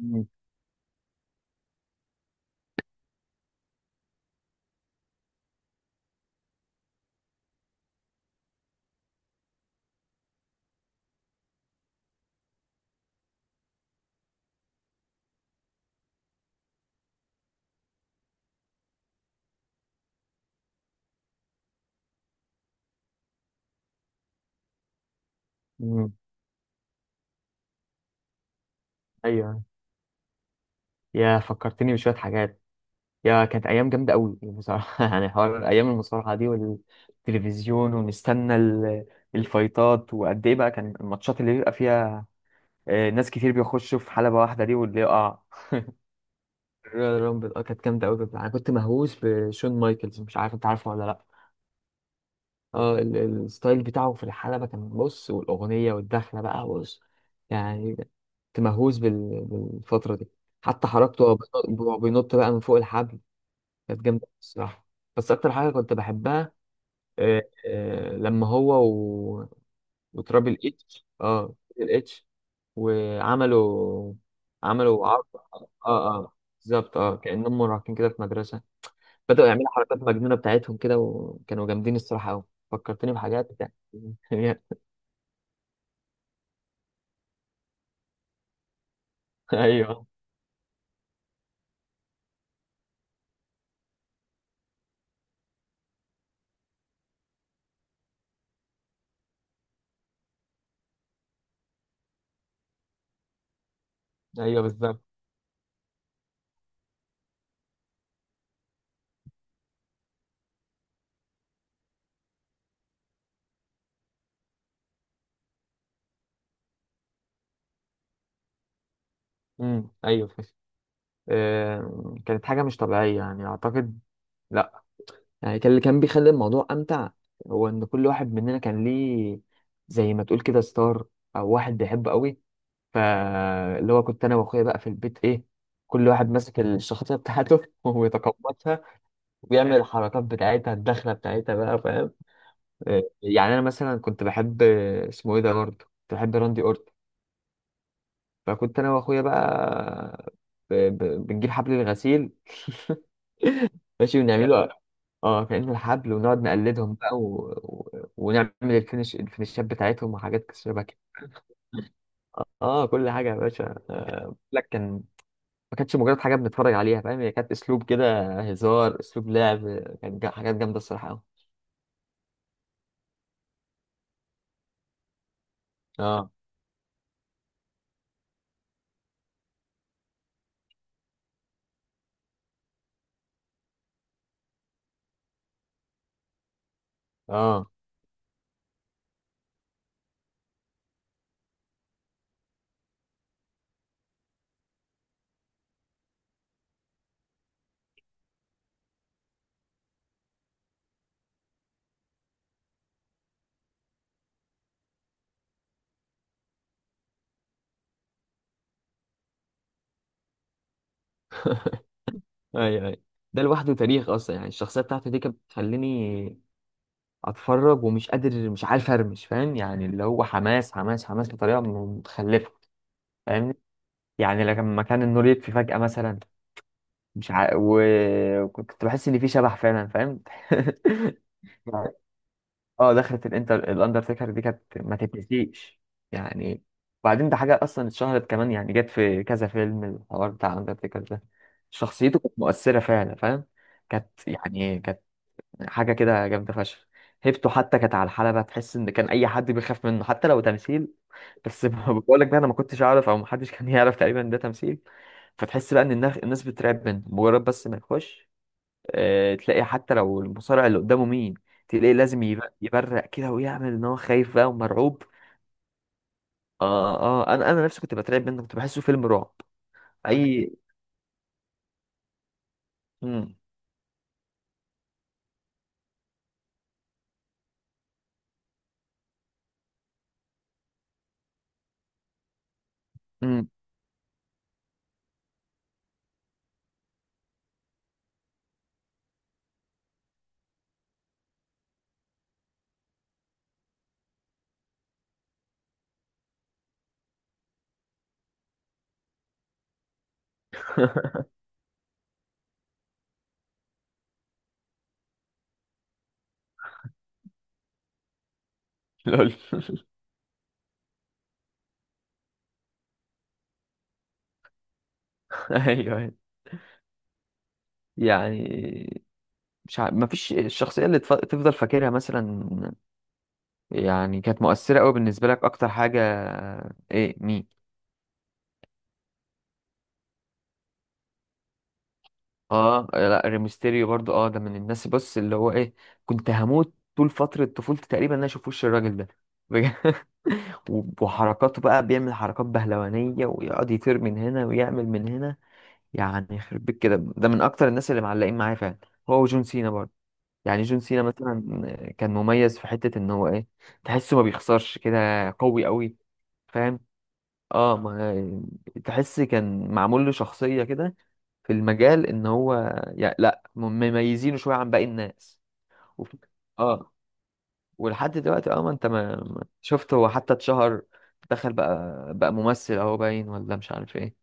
مم. مم. ايوه، يا فكرتني بشويه حاجات. يا كانت ايام جامده قوي بصراحه. يعني حوار ايام المصارعه دي والتلفزيون ونستنى الفايتات. وقد ايه بقى كان الماتشات اللي بيبقى فيها؟ ناس كتير بيخشوا في حلبه واحده دي، واللي يقع. الرويال رامبل، اه كانت جامده قوي. انا كنت مهووس بشون مايكلز، مش عارف انت عارفه ولا لا. الستايل بتاعه في الحلبة كان بص، والأغنية والدخلة بقى بص. يعني كنت مهووس بالفترة دي. حتى حركته، وهو بينط، بقى من فوق الحبل. كانت جامدة الصراحة. بس أكتر حاجة كنت بحبها، آه، لما هو وترابل اتش، اه ترابل اتش وعملوا عرض. اه اه بالظبط، اه كأنهم مراهقين كده في مدرسة. بدأوا يعملوا حركات مجنونة بتاعتهم كده، وكانوا جامدين الصراحة أوي. فكرتني بحاجات يعني. ايوه، ايوه بالظبط. ايوه فشخ. كانت حاجه مش طبيعيه يعني اعتقد. لا، يعني كان اللي كان بيخلي الموضوع امتع هو ان كل واحد مننا كان ليه زي ما تقول كده ستار، او واحد بيحبه قوي. فاللي هو كنت انا واخويا بقى في البيت ايه، كل واحد ماسك الشخصيه بتاعته ويتقمصها، ويعمل الحركات بتاعتها الدخله بتاعتها بقى فاهم. يعني انا مثلا كنت بحب، اسمه ايه ده، برضه كنت بحب راندي اورتن. فكنت انا واخويا بقى ب... ب... بنجيب حبل الغسيل. ماشي ونعمله، اه كأنه الحبل، ونقعد نقلدهم بقى ونعمل الفينشات بتاعتهم وحاجات شبه كده. اه كل حاجه يا باشا. بقول لك كان، ما كانتش مجرد حاجه بنتفرج عليها فاهم، هي كانت اسلوب كده هزار، اسلوب لعب، كانت حاجات جامده الصراحه قوي. اه اه اي اي. ده لوحده تاريخ اصلا يعني، الشخصيه بتاعته دي كانت بتخليني اتفرج ومش قادر، مش عارف ارمش فاهم يعني، اللي هو حماس حماس حماس بطريقه متخلفه. فاهمني يعني، لما كان النور يطفي فجأة مثلا، مش عارف، وكنت بحس ان في شبح فعلا فاهم. يعني اه دخلت الاندرتيكر دي كانت ما تتنسيش يعني. وبعدين ده حاجه اصلا اتشهرت كمان، يعني جت في كذا فيلم الحوار بتاع الاندرتيكر ده. شخصيته كانت مؤثره فعلا فاهم، كانت يعني كانت حاجه كده جامده فشخ. هيبته حتى كانت على الحلبه، تحس ان كان اي حد بيخاف منه حتى لو تمثيل. بس بقول لك بقى انا ما كنتش اعرف، او ما حدش كان يعرف تقريبا إن ده تمثيل. فتحس بقى ان الناس، بترعب منه مجرد بس ما يخش. تلاقي حتى لو المصارع اللي قدامه مين، تلاقيه لازم يبرق كده، ويعمل ان هو خايف بقى ومرعوب. اه اه، انا نفسي كنت بترعب منه، كنت بحسه فيلم رعب. اي. امم امم لول. ايوه، أيوة. يعني مش ع... مفيش الشخصية اللي تفضل فاكرها مثلا، يعني كانت مؤثرة قوي بالنسبة لك أكتر حاجة. إيه مين؟ لا، ريمستيريو برضو، ده من الناس بص اللي هو إيه. كنت هموت طول فترة طفولتي تقريبا إن أنا أشوف وش الراجل ده بجد. وحركاته بقى بيعمل حركات بهلوانية، ويقعد يطير من هنا، ويعمل من هنا. يعني يخرب بيت كده، ده من أكتر الناس اللي معلقين معايا فعلا، هو وجون سينا برضو. يعني جون سينا مثلا كان مميز في حتة ان هو ايه، تحسه ما بيخسرش كده، قوي قوي فاهم. اه، ما تحس كان معمول له شخصية كده في المجال ان هو يعني لا، مميزينه شوية عن باقي الناس. وف- اه ولحد دلوقتي، اه ما انت شفت هو حتى اتشهر، دخل بقى ممثل اهو باين، ولا مش عارف ايه.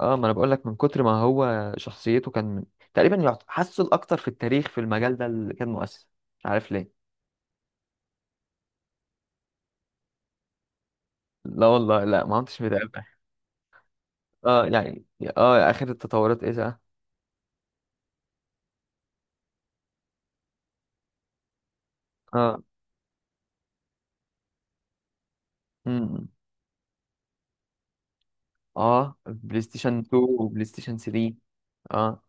اه ما انا بقول لك، من كتر ما هو شخصيته كان تقريبا حاسه الاكتر في التاريخ في المجال ده اللي كان مؤثر. مش عارف ليه. لا والله، لا ما كنتش متابع. اه يعني اه اخر التطورات ايه ده. اه. امم اه بلاي ستيشن 2 وبلاي ستيشن 3. اه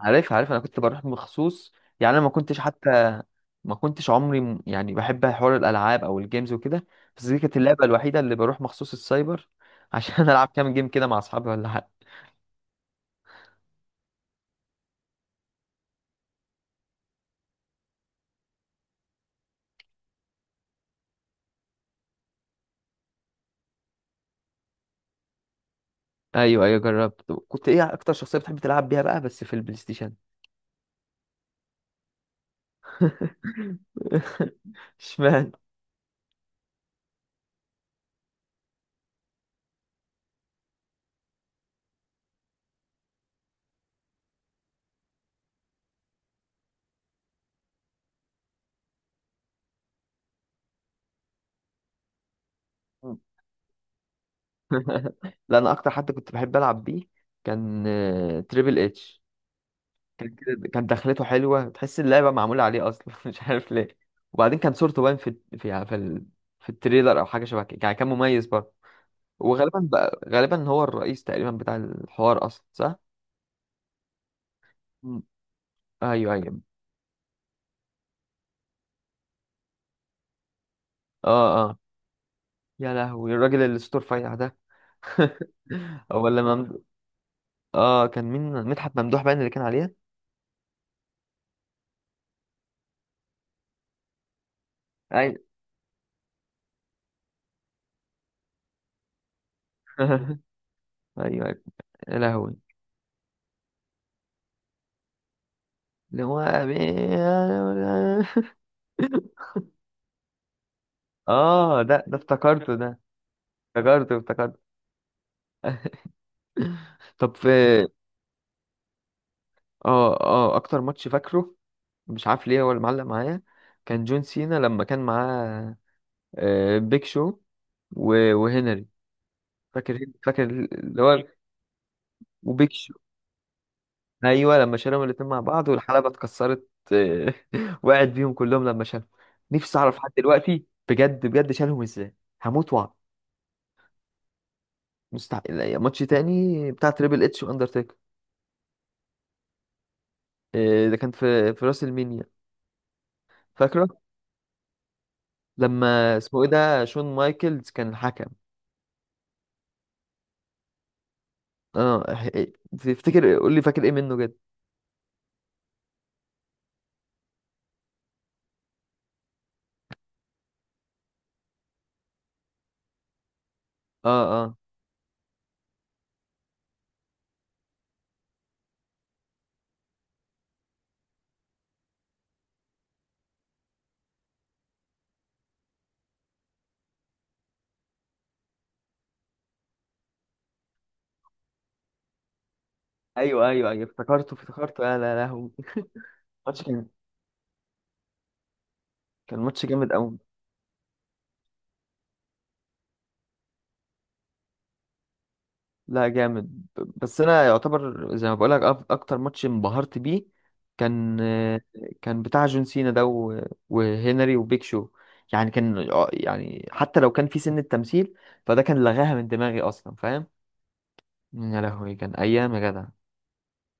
عارف عارف، انا كنت بروح مخصوص. يعني انا ما كنتش حتى، ما كنتش عمري يعني بحب حوار الالعاب او الجيمز وكده. بس دي كانت اللعبه الوحيده اللي بروح مخصوص السايبر عشان العب كام جيم كده مع اصحابي ولا حاجه. ايوه ايوه جربت. كنت ايه اكتر شخصيه بتحب تلعب بيها بقى بس في البلاي ستيشن؟ اشمعنى؟ لا، انا اكتر حد كنت بحب العب بيه كان، تريبل اتش. كان كده، كان دخلته حلوه، تحس اللعبه معموله عليه اصلا مش عارف ليه. وبعدين كان صورته باين في التريلر او حاجه شبه كده يعني، كان مميز برضه. وغالبا بقى، غالبا هو الرئيس تقريبا بتاع الحوار اصلا صح. م. ايوه ايوه، اه اه يا لهوي الراجل اللي صوته رفيع ده. هو اللي ممدوح، اه كان مين؟ مدحت ممدوح باين اللي كان عليه. ايوه. ايوه ايوه يا لهوي. اللي هو اه ده افتكرته ده. افتكرته افتكرته. طب في، اه اكتر ماتش فاكره، مش عارف ليه هو اللي معلق معايا، كان جون سينا لما كان معاه بيج شو وهنري. فاكر فاكر، اللي هو وبيج شو. ايوه لما شالهم الاتنين مع بعض والحلبة اتكسرت، وقعت بيهم كلهم لما شالهم. نفسي اعرف لحد دلوقتي بجد بجد شالهم ازاي، هموت واعرف. مستحيل. يعني ماتش تاني بتاع تريبل اتش واندرتيكر، إيه ده كان في في راس المينيا. فاكره، لما اسمه ايه ده شون مايكلز كان الحكم. اه. إيه، تفتكر قول لي فاكر ايه منه جد. اه اه ايوه ايوه ايوه افتكرته افتكرته يا لا لهوي. ماتش كان، كان ماتش جامد قوي. لا جامد، بس انا يعتبر زي ما بقولك اكتر ماتش انبهرت بيه كان، بتاع جون سينا ده وهنري وبيك شو يعني. كان يعني حتى لو كان في سن التمثيل، فده كان لغاها من دماغي اصلا فاهم. يا لهوي كان ايام يا جدع.